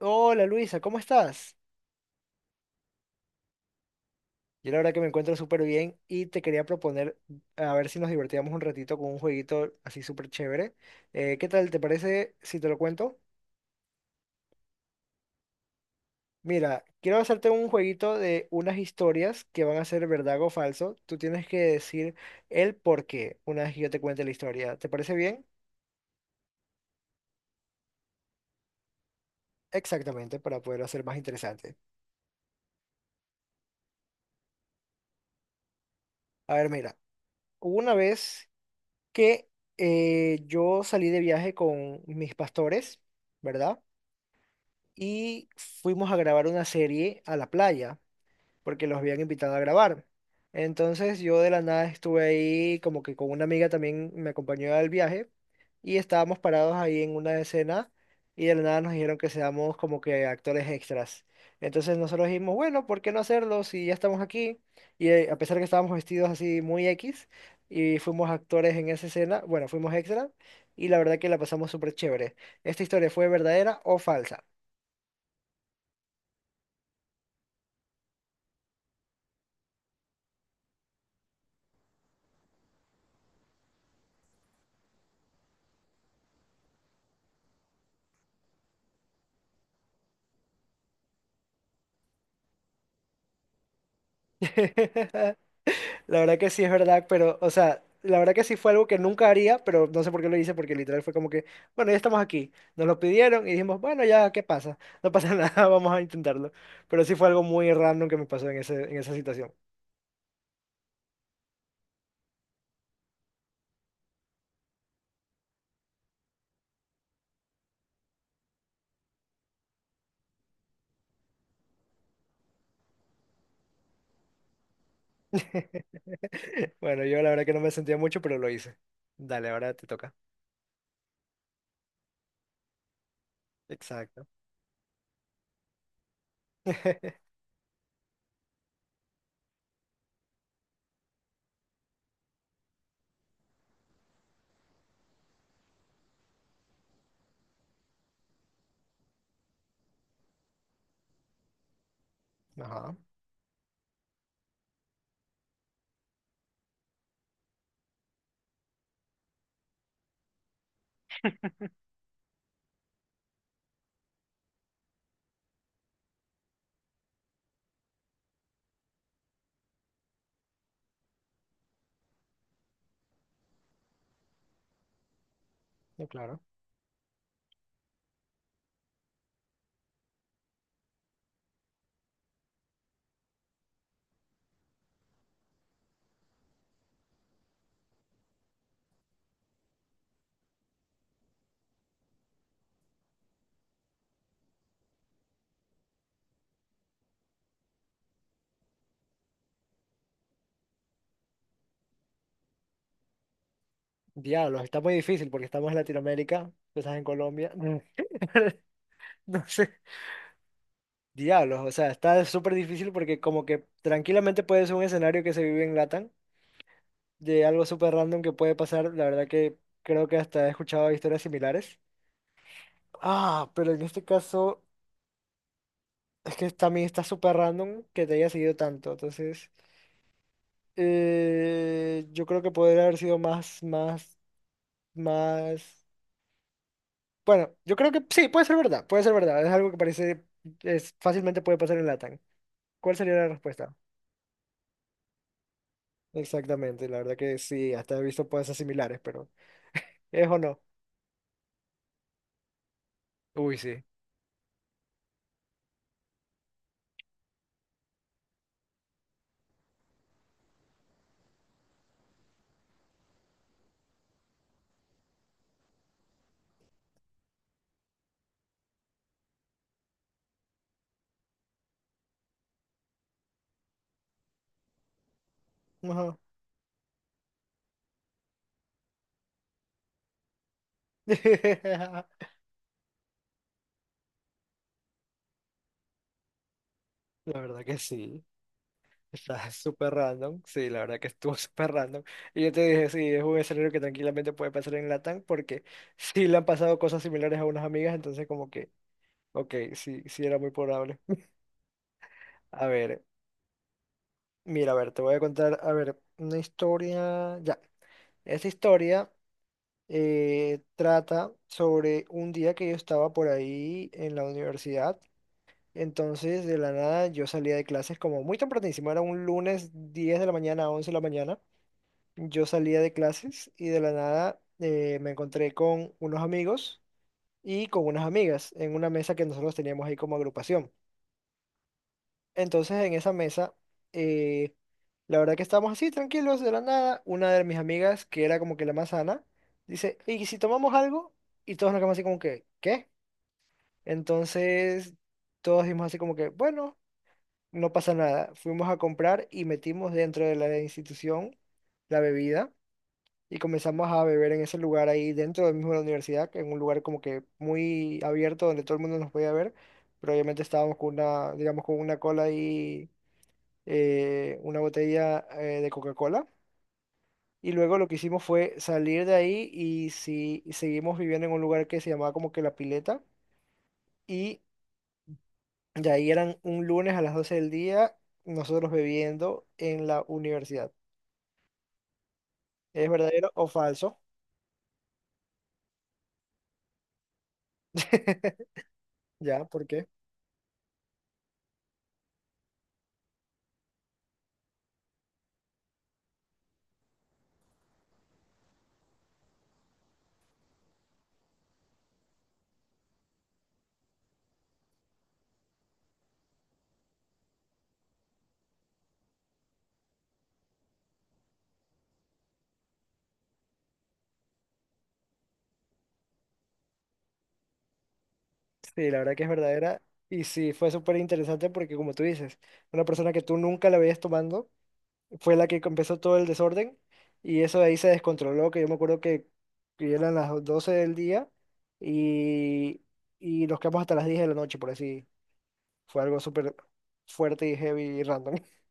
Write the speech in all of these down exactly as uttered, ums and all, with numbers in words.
Hola Luisa, ¿cómo estás? Yo la verdad que me encuentro súper bien y te quería proponer a ver si nos divertíamos un ratito con un jueguito así súper chévere. Eh, ¿qué tal? ¿Te parece si te lo cuento? Mira, quiero hacerte un jueguito de unas historias que van a ser verdad o falso. Tú tienes que decir el por qué una vez que yo te cuente la historia. ¿Te parece bien? Exactamente, para poderlo hacer más interesante. A ver, mira, hubo una vez que eh, yo salí de viaje con mis pastores, ¿verdad? Y fuimos a grabar una serie a la playa, porque los habían invitado a grabar. Entonces yo de la nada estuve ahí como que con una amiga también me acompañó al viaje y estábamos parados ahí en una escena y de la nada nos dijeron que seamos como que actores extras. Entonces nosotros dijimos, bueno, ¿por qué no hacerlo si ya estamos aquí? Y eh, a pesar que estábamos vestidos así muy X y fuimos actores en esa escena, bueno, fuimos extras y la verdad que la pasamos súper chévere. ¿Esta historia fue verdadera o falsa? La verdad que sí es verdad, pero, o sea, la verdad que sí fue algo que nunca haría, pero no sé por qué lo hice, porque literal fue como que, bueno, ya estamos aquí, nos lo pidieron y dijimos, bueno, ya, ¿qué pasa? No pasa nada, vamos a intentarlo. Pero sí fue algo muy random que me pasó en ese, en esa situación. Bueno, yo la verdad que no me sentía mucho, pero lo hice. Dale, ahora te toca. Exacto. Ajá, no, claro. Diablos, está muy difícil porque estamos en Latinoamérica, tú estás en Colombia. No sé. Diablos, o sea, está súper difícil porque como que tranquilamente puede ser un escenario que se vive en Latam, de algo súper random que puede pasar, la verdad que creo que hasta he escuchado historias similares. Ah, pero en este caso es que también está súper random que te haya seguido tanto, entonces eh, yo creo que podría haber sido más, más, más... Bueno, yo creo que sí, puede ser verdad, puede ser verdad, es algo que parece, es, fácilmente puede pasar en Latam. ¿Cuál sería la respuesta? Exactamente, la verdad que sí, hasta he visto cosas similares, pero ¿es o no? Uy, sí. Ajá. La verdad que sí, está súper random, sí, la verdad que estuvo súper random. Y yo te dije, sí, es un escenario que tranquilamente puede pasar en Latam porque sí le han pasado cosas similares a unas amigas, entonces como que, ok, sí, sí era muy probable. A ver, mira, a ver, te voy a contar, a ver, una historia, ya, esta historia... eh, trata sobre un día que yo estaba por ahí en la universidad. Entonces, de la nada, yo salía de clases como muy tempranísimo, era un lunes diez de la mañana a once de la mañana. Yo salía de clases y de la nada eh, me encontré con unos amigos y con unas amigas en una mesa que nosotros teníamos ahí como agrupación. Entonces en esa mesa, eh, la verdad que estábamos así tranquilos de la nada. Una de mis amigas, que era como que la más sana, dice, ¿y si tomamos algo? Y todos nos quedamos así como que, ¿qué? Entonces todos dijimos así como que, bueno, no pasa nada. Fuimos a comprar y metimos dentro de la institución la bebida y comenzamos a beber en ese lugar ahí dentro del mismo de la universidad, que en un lugar como que muy abierto donde todo el mundo nos podía ver. Pero obviamente estábamos con una, digamos, con una cola ahí eh, una botella eh, de Coca-Cola. Y luego lo que hicimos fue salir de ahí y, sí- y seguimos viviendo en un lugar que se llamaba como que La Pileta. Y de ahí eran un lunes a las doce del día nosotros bebiendo en la universidad. ¿Es verdadero o falso? Ya, ¿por qué? Sí, la verdad que es verdadera. Y sí, fue súper interesante porque como tú dices, una persona que tú nunca la veías tomando fue la que empezó todo el desorden y eso de ahí se descontroló, que yo me acuerdo que, que eran las doce del día y, y nos quedamos hasta las diez de la noche, por así. Fue algo súper fuerte y heavy y random.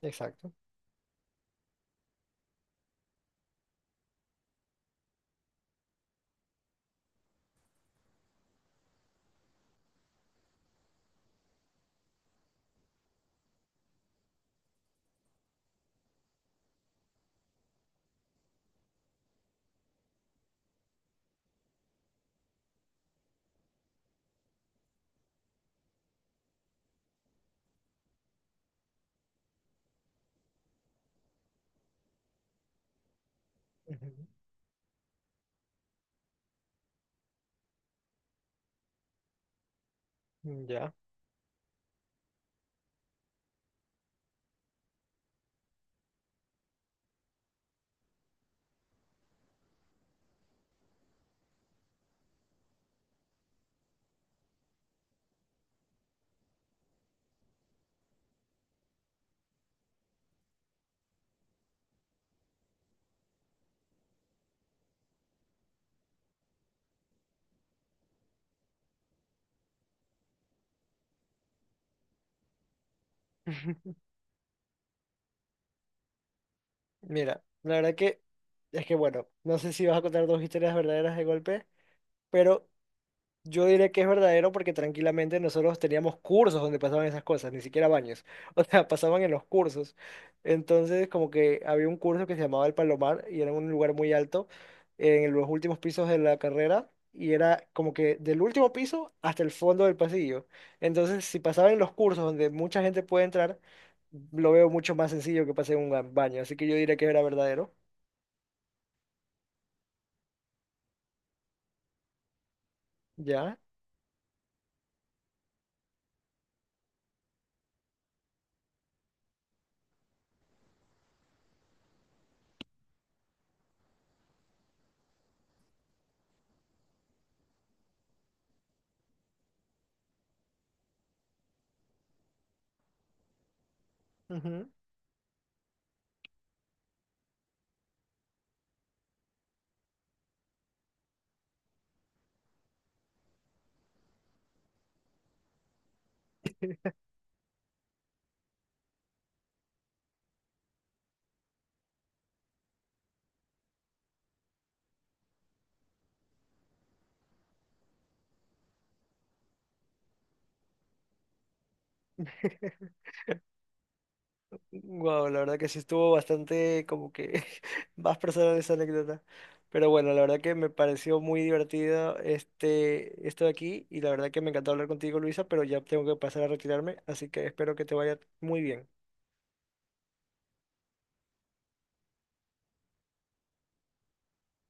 Exacto. Ujú. Ya. Mira, la verdad que es que bueno, no sé si vas a contar dos historias verdaderas de golpe, pero yo diré que es verdadero porque tranquilamente nosotros teníamos cursos donde pasaban esas cosas, ni siquiera baños. O sea, pasaban en los cursos. Entonces, como que había un curso que se llamaba El Palomar y era en un lugar muy alto en los últimos pisos de la carrera y era como que del último piso hasta el fondo del pasillo. Entonces, si pasaba en los cursos donde mucha gente puede entrar, lo veo mucho más sencillo que pase en un ga- baño. Así que yo diré que era verdadero. ¿Ya? Ujú. Wow, la verdad que sí estuvo bastante como que más personal esa anécdota. Pero bueno, la verdad que me pareció muy divertido este, esto de aquí y la verdad que me encantó hablar contigo, Luisa, pero ya tengo que pasar a retirarme, así que espero que te vaya muy bien.